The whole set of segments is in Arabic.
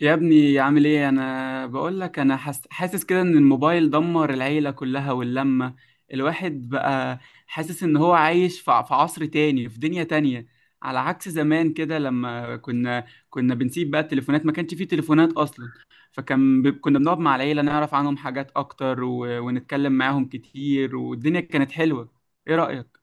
يا ابني عامل ايه؟ انا بقول لك انا حاسس كده ان الموبايل دمر العيلة كلها واللمة. الواحد بقى حاسس ان هو عايش في عصر تاني في دنيا تانية، على عكس زمان كده لما كنا بنسيب بقى التليفونات. ما كانش فيه تليفونات اصلا، كنا بنقعد مع العيلة نعرف عنهم حاجات اكتر ونتكلم معاهم كتير، والدنيا كانت حلوة. ايه رأيك؟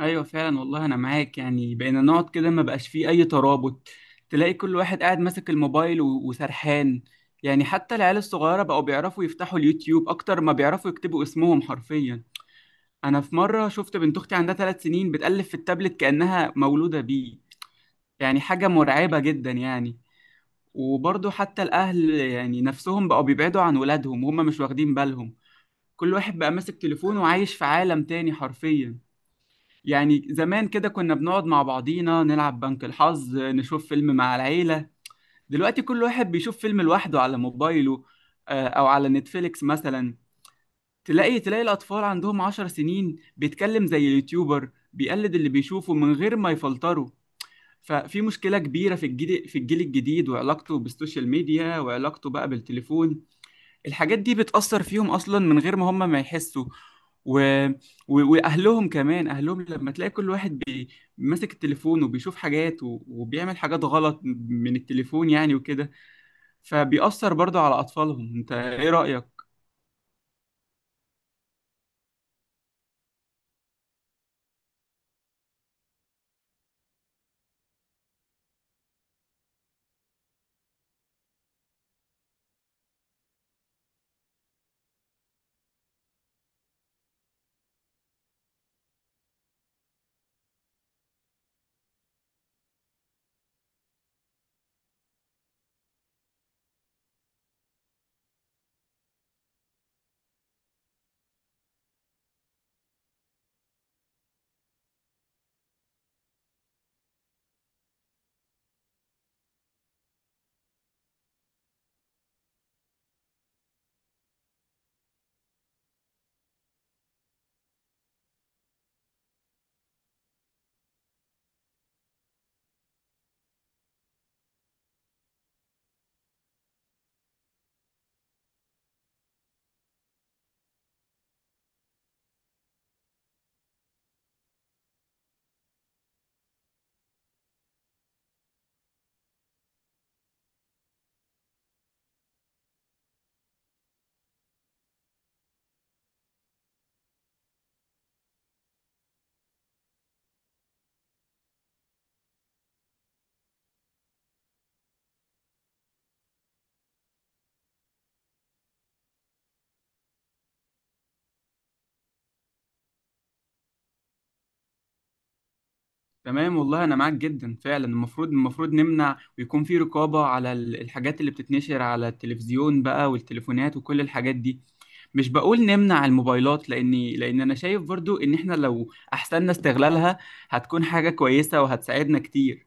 ايوه فعلا، والله انا معاك. يعني بقينا نقعد كده ما بقاش فيه اي ترابط، تلاقي كل واحد قاعد ماسك الموبايل وسرحان. يعني حتى العيال الصغيره بقوا بيعرفوا يفتحوا اليوتيوب اكتر ما بيعرفوا يكتبوا اسمهم حرفيا. انا في مره شفت بنت اختي عندها 3 سنين بتقلب في التابلت كانها مولوده بيه، يعني حاجه مرعبه جدا يعني. وبرضه حتى الاهل يعني نفسهم بقوا بيبعدوا عن ولادهم وهم مش واخدين بالهم. كل واحد بقى ماسك تليفونه وعايش في عالم تاني حرفيا. يعني زمان كده كنا بنقعد مع بعضينا نلعب بنك الحظ، نشوف فيلم مع العيلة. دلوقتي كل واحد بيشوف فيلم لوحده على موبايله، أو على نتفليكس مثلا. تلاقي الأطفال عندهم 10 سنين بيتكلم زي اليوتيوبر، بيقلد اللي بيشوفه من غير ما يفلتره. ففي مشكلة كبيرة في الجيل الجديد وعلاقته بالسوشيال ميديا وعلاقته بقى بالتليفون. الحاجات دي بتأثر فيهم أصلا من غير ما هم ما يحسوا. و... وأهلهم كمان، أهلهم لما تلاقي كل واحد ماسك التليفون وبيشوف حاجات وبيعمل حاجات غلط من التليفون يعني وكده، فبيأثر برضه على أطفالهم. أنت إيه رأيك؟ تمام والله أنا معاك جدا. فعلا المفروض نمنع ويكون في رقابة على الحاجات اللي بتتنشر على التلفزيون بقى والتليفونات وكل الحاجات دي. مش بقول نمنع الموبايلات، لأن أنا شايف برضه إن إحنا لو أحسننا استغلالها هتكون حاجة كويسة وهتساعدنا كتير.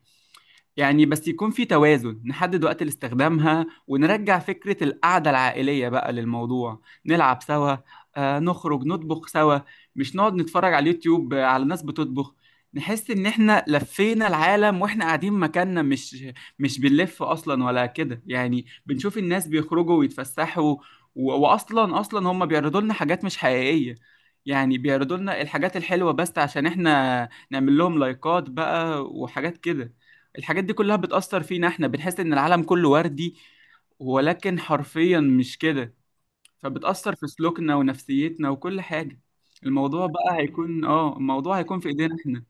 يعني بس يكون في توازن، نحدد وقت لاستخدامها ونرجع فكرة القعدة العائلية بقى للموضوع. نلعب سوا، نخرج نطبخ سوا، مش نقعد نتفرج على اليوتيوب، على ناس بتطبخ. نحس ان احنا لفينا العالم واحنا قاعدين مكاننا، مش بنلف اصلا ولا كده يعني، بنشوف الناس بيخرجوا ويتفسحوا. واصلا، هم بيعرضوا لنا حاجات مش حقيقية. يعني بيعرضوا لنا الحاجات الحلوة بس عشان احنا نعمل لهم لايكات بقى وحاجات كده. الحاجات دي كلها بتأثر فينا، احنا بنحس ان العالم كله وردي، ولكن حرفيا مش كده. فبتأثر في سلوكنا ونفسيتنا وكل حاجة. الموضوع هيكون في ايدينا احنا.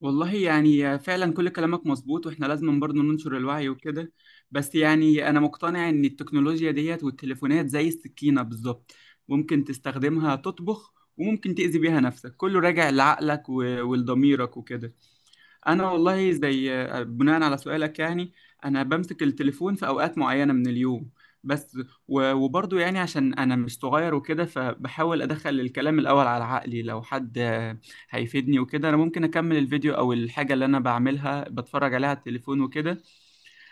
والله يعني فعلا كل كلامك مظبوط، واحنا لازم برضه ننشر الوعي وكده. بس يعني انا مقتنع ان التكنولوجيا ديت والتليفونات زي السكينة بالظبط، ممكن تستخدمها تطبخ وممكن تأذي بيها نفسك، كله راجع لعقلك ولضميرك وكده. انا والله زي بناء على سؤالك يعني انا بمسك التليفون في اوقات معينه من اليوم بس. وبرضه يعني عشان انا مش صغير وكده، فبحاول ادخل الكلام الاول على عقلي، لو حد هيفيدني وكده انا ممكن اكمل الفيديو او الحاجه اللي انا بعملها بتفرج عليها على التليفون وكده.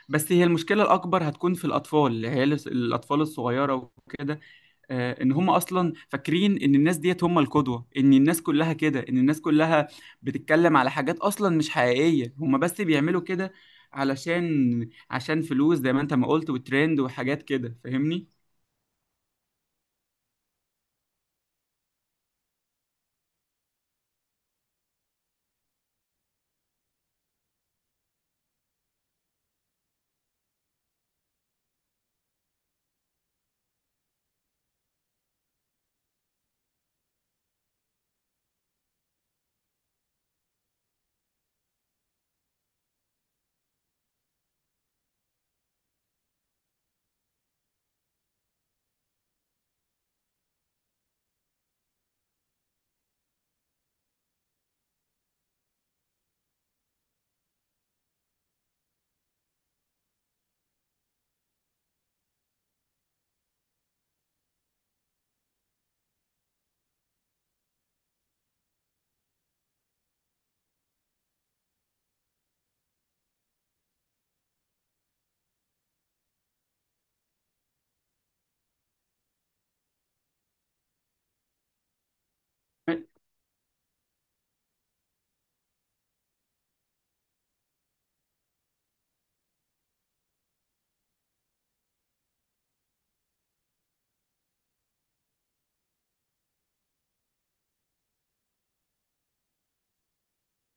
بس هي المشكله الاكبر هتكون في الاطفال، اللي هي الاطفال الصغيره وكده. ان هم اصلا فاكرين ان الناس ديت هم القدوه، ان الناس كلها كده، ان الناس كلها بتتكلم على حاجات اصلا مش حقيقيه، هم بس بيعملوا كده علشان، عشان فلوس زي ما انت ما قلت وترند وحاجات كده، فاهمني؟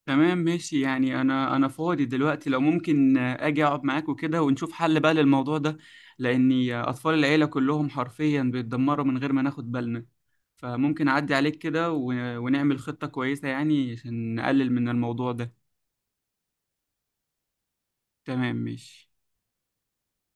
تمام ماشي. يعني انا فاضي دلوقتي، لو ممكن اجي اقعد معاك وكده ونشوف حل بقى للموضوع ده. لاني اطفال العيله كلهم حرفيا بيتدمروا من غير ما ناخد بالنا، فممكن اعدي عليك كده ونعمل خطه كويسه يعني عشان نقلل من الموضوع ده. تمام ماشي